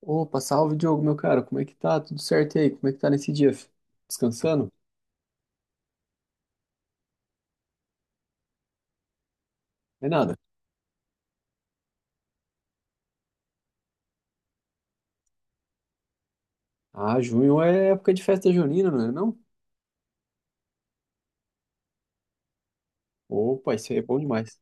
Opa, salve Diogo, meu cara, como é que tá? Tudo certo e aí? Como é que tá nesse dia? Descansando? É nada. Ah, junho é época de festa junina, não é não? Opa, isso aí é bom demais.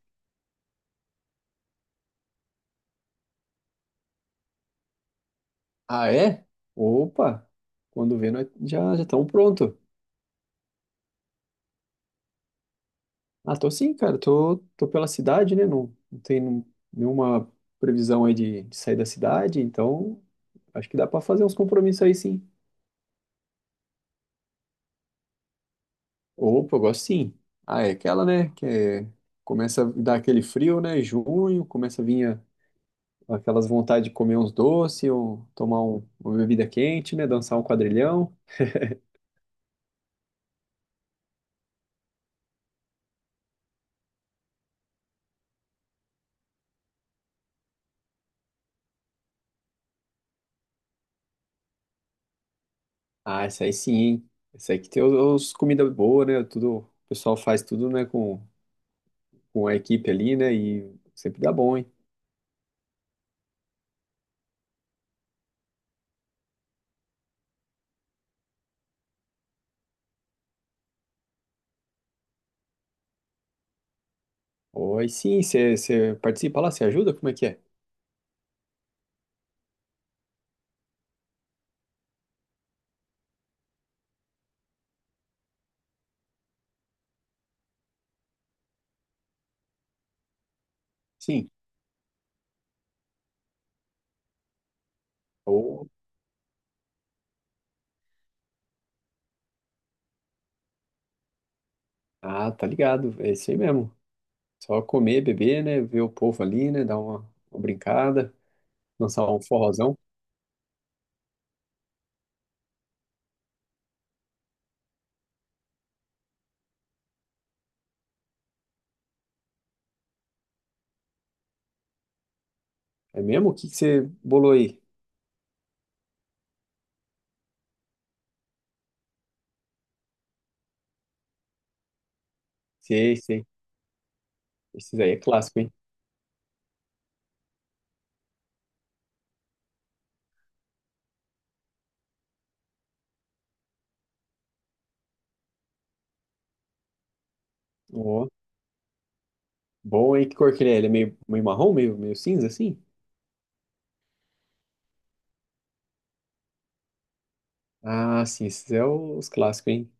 Ah, é? Opa, quando vê, nós já já estamos pronto. Ah, tô sim, cara, tô, pela cidade, né? Não, não tem nenhuma previsão aí de, sair da cidade, então acho que dá pra fazer uns compromissos aí sim. Opa, eu gosto sim. Ah, é aquela, né? Começa a dar aquele frio, né? Junho, começa a vir aquelas vontade de comer uns doces, ou tomar uma bebida quente, né? Dançar um quadrilhão. Ah, isso aí sim, hein? Isso aí que tem os comida boa, né? Tudo, o pessoal faz tudo, né? Com a equipe ali, né? E sempre dá bom, hein? Oi, sim, você participa lá, você ajuda? Como é que é? Sim. Ô, ah, tá ligado. É isso aí mesmo. Só comer, beber, né? Ver o povo ali, né? Dar uma brincada, dançar um forrozão. É mesmo? O que que você bolou aí? Sei, sei. Esses aí é clássico, hein? Bom, hein? Que cor que ele é? Ele é meio, meio marrom, meio, meio cinza, assim? Ah, sim, esses é os clássicos, hein?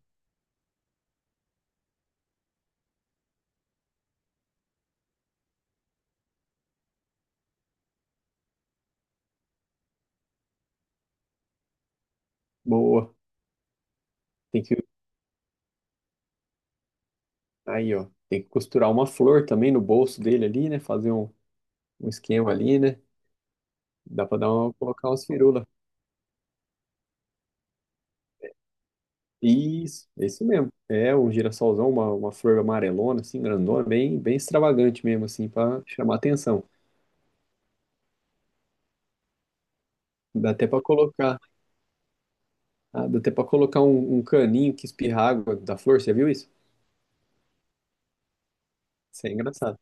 Boa. Tem que, aí, ó, tem que costurar uma flor também no bolso dele ali, né? Um esquema ali, né? Dá pra colocar umas firulas. Isso, é isso mesmo. É um girassolzão, uma flor amarelona, assim, grandona, bem, bem extravagante mesmo, assim, pra chamar atenção. Dá até pra colocar, ah, dá até pra colocar um caninho que espirra água da flor, você viu isso? Isso é engraçado.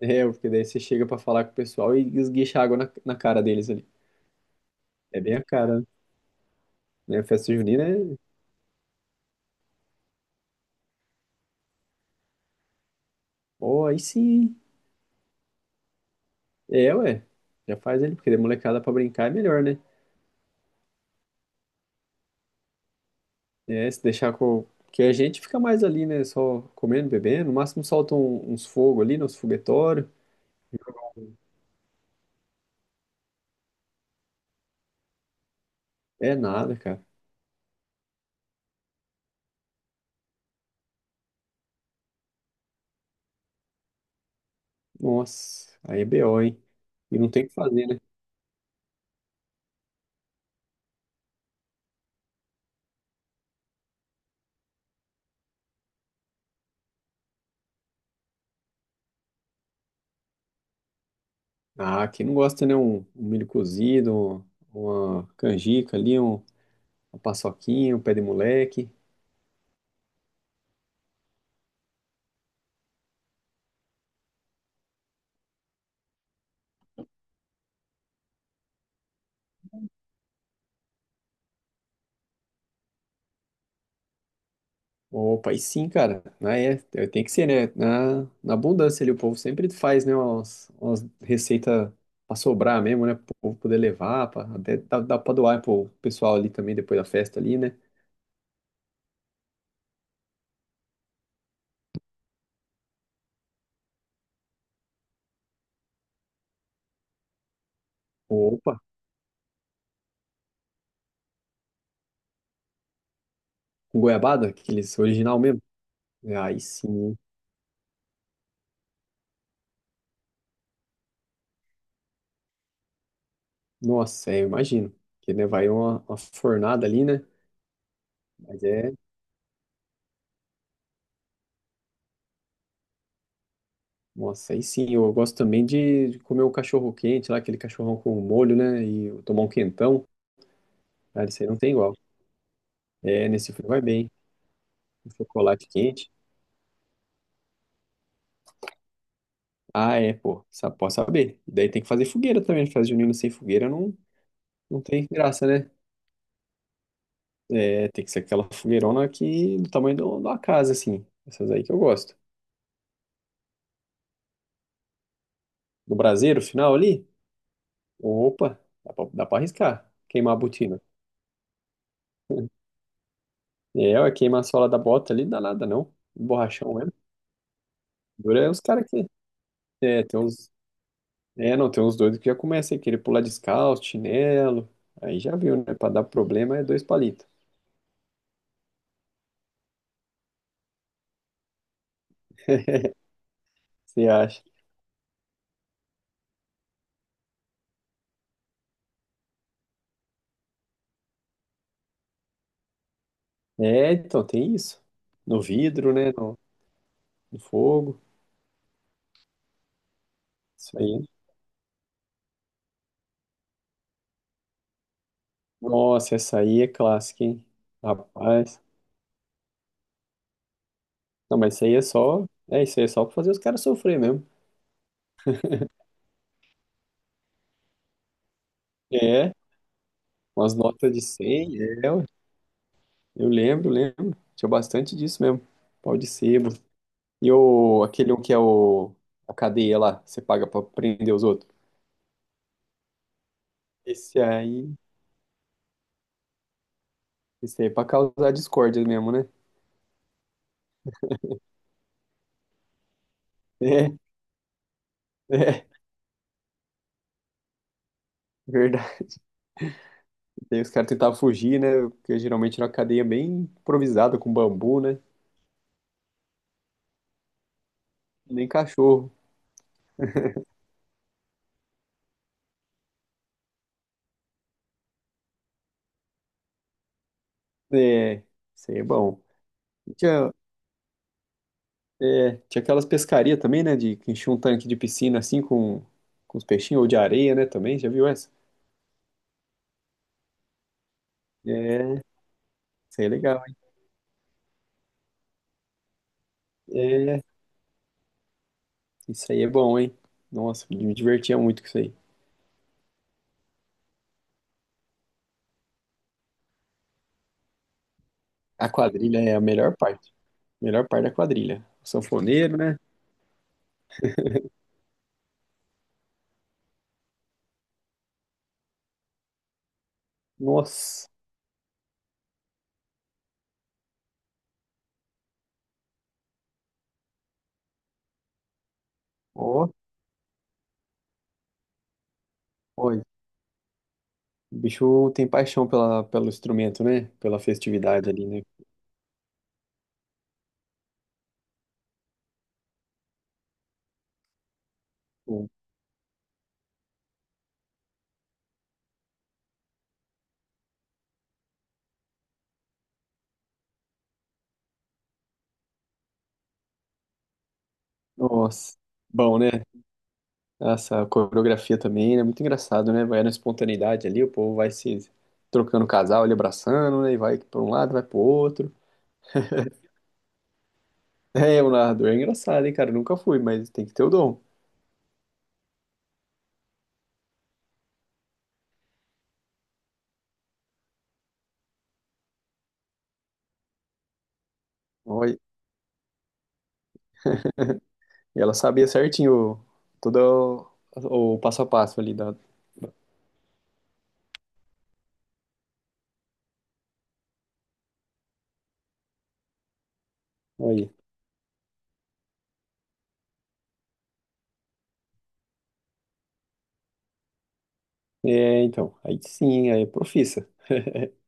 É, porque daí você chega pra falar com o pessoal e esguicha água na cara deles ali. É bem a cara, né? Festa junina é. Pô, aí sim. É, ué. Já faz ali, porque de molecada pra brincar é melhor, né? É, se deixar com. Porque a gente fica mais ali, né? Só comendo, bebendo. No máximo solta uns fogos ali, nos foguetórios. É nada, cara. Nossa, aí é BO, hein? E não tem o que fazer, né? Ah, quem não gosta, né? Um milho cozido, uma canjica ali, uma paçoquinha, um pé de moleque. Opa, e sim, cara. Ah, é, é, tem que ser, né? Na abundância ali, o povo sempre faz, né? Umas receitas pra sobrar mesmo, né? Para o povo poder levar, pra, até dá pra doar pro pessoal ali também, depois da festa ali, né? Opa, com goiabada, aqueles original mesmo. É, aí sim, nossa, é, eu imagino. Que, né, vai uma fornada ali, né? Mas é, nossa, aí sim, eu gosto também de comer um cachorro quente lá, aquele cachorrão com molho, né? E tomar um quentão. Cara, isso aí não tem igual. É, nesse frio vai bem. Um chocolate quente. Ah, é, pô. Posso saber. E daí tem que fazer fogueira também. Festa junina sem fogueira não, não tem graça, né? É, tem que ser aquela fogueirona que, de uma casa, assim. Essas aí que eu gosto. No braseiro final ali, opa, dá pra arriscar. Queimar a botina. É, ué, queimar a sola da bota ali, dá nada não. Um borrachão mesmo. Dura é os caras que. É, tem uns. É, não, tem uns doidos que já começam a querer pular descalço, chinelo. Aí já viu, né? Pra dar problema é dois palitos. Você acha? É, então tem isso. No vidro, né? No, no fogo. Isso aí. Nossa, essa aí é clássica, hein? Rapaz. Não, mas isso aí é só. É, isso aí é só pra fazer os caras sofrer mesmo. É, umas notas de 100, é, ué. Eu lembro, lembro. Tinha bastante disso mesmo. Pau de sebo. Aquele um que é o, a cadeia lá, você paga pra prender os outros. Esse aí, esse aí é pra causar discórdia mesmo, né? É, é, verdade. Daí os caras tentavam fugir, né? Porque geralmente era uma cadeia bem improvisada, com bambu, né? Nem cachorro. É, isso aí é bom. E Tinha, é, tinha aquelas pescarias também, né? De que enchia um tanque de piscina assim com os peixinhos, ou de areia, né? Também, já viu essa? É, isso aí é legal, hein? É, isso aí é bom, hein? Nossa, me divertia muito com isso aí. A quadrilha é a melhor parte. Melhor parte da quadrilha. O sanfoneiro, né? Nossa, ó, ó, o bicho tem paixão pelo instrumento, né? Pela festividade ali, né? Pô, nossa, bom, né? Essa coreografia também né muito engraçado, né? Vai na espontaneidade ali, o povo vai se trocando casal, ali abraçando, né? E vai para um lado, vai pro outro. É, o narrador é engraçado, hein, cara? Nunca fui, mas tem que ter o dom. Olha, e ela sabia certinho todo o passo a passo ali da. Aí. É, então, aí sim, aí é profissa.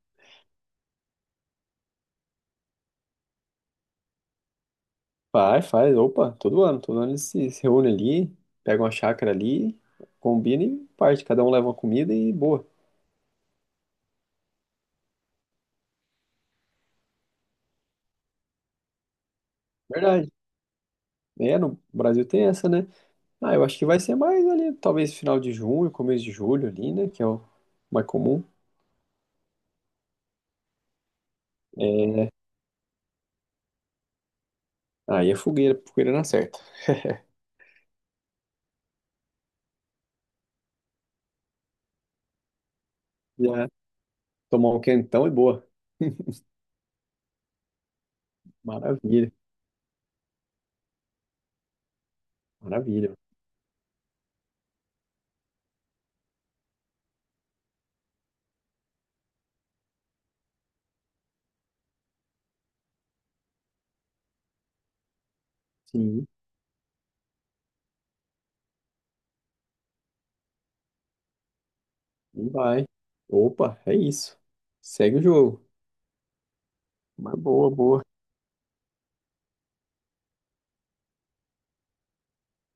Faz, faz. Opa, todo ano. Todo ano eles se reúnem ali, pegam uma chácara ali, combinam e parte. Cada um leva uma comida e boa. Verdade. É, no Brasil tem essa, né? Ah, eu acho que vai ser mais ali, talvez final de junho, começo de julho ali, né? Que é o mais comum. É, aí é fogueira, fogueira na certa. Já tomar um quentão e boa. Maravilha, maravilha. Sim, e vai. Opa, é isso. Segue o jogo. Uma boa, boa.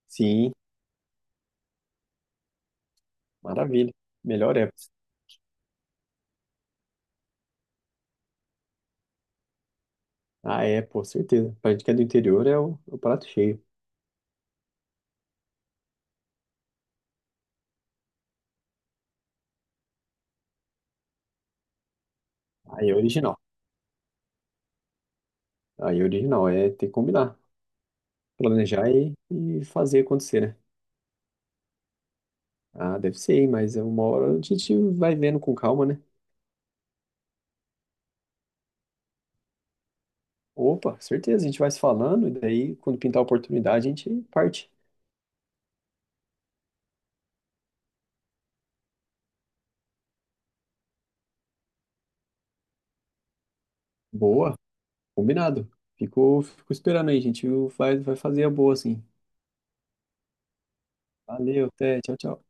Sim, maravilha. Melhor é. Ah, é, pô, certeza. Pra gente que é do interior é o prato cheio. Aí é original. Aí é original, é ter que combinar, planejar e fazer acontecer, né? Ah, deve ser, hein, mas é uma hora a gente vai vendo com calma, né? Opa, certeza, a gente vai se falando e daí quando pintar a oportunidade a gente parte. Boa, combinado. Fico, fico esperando aí, a gente vai, vai fazer a boa, assim. Valeu, até, tchau, tchau.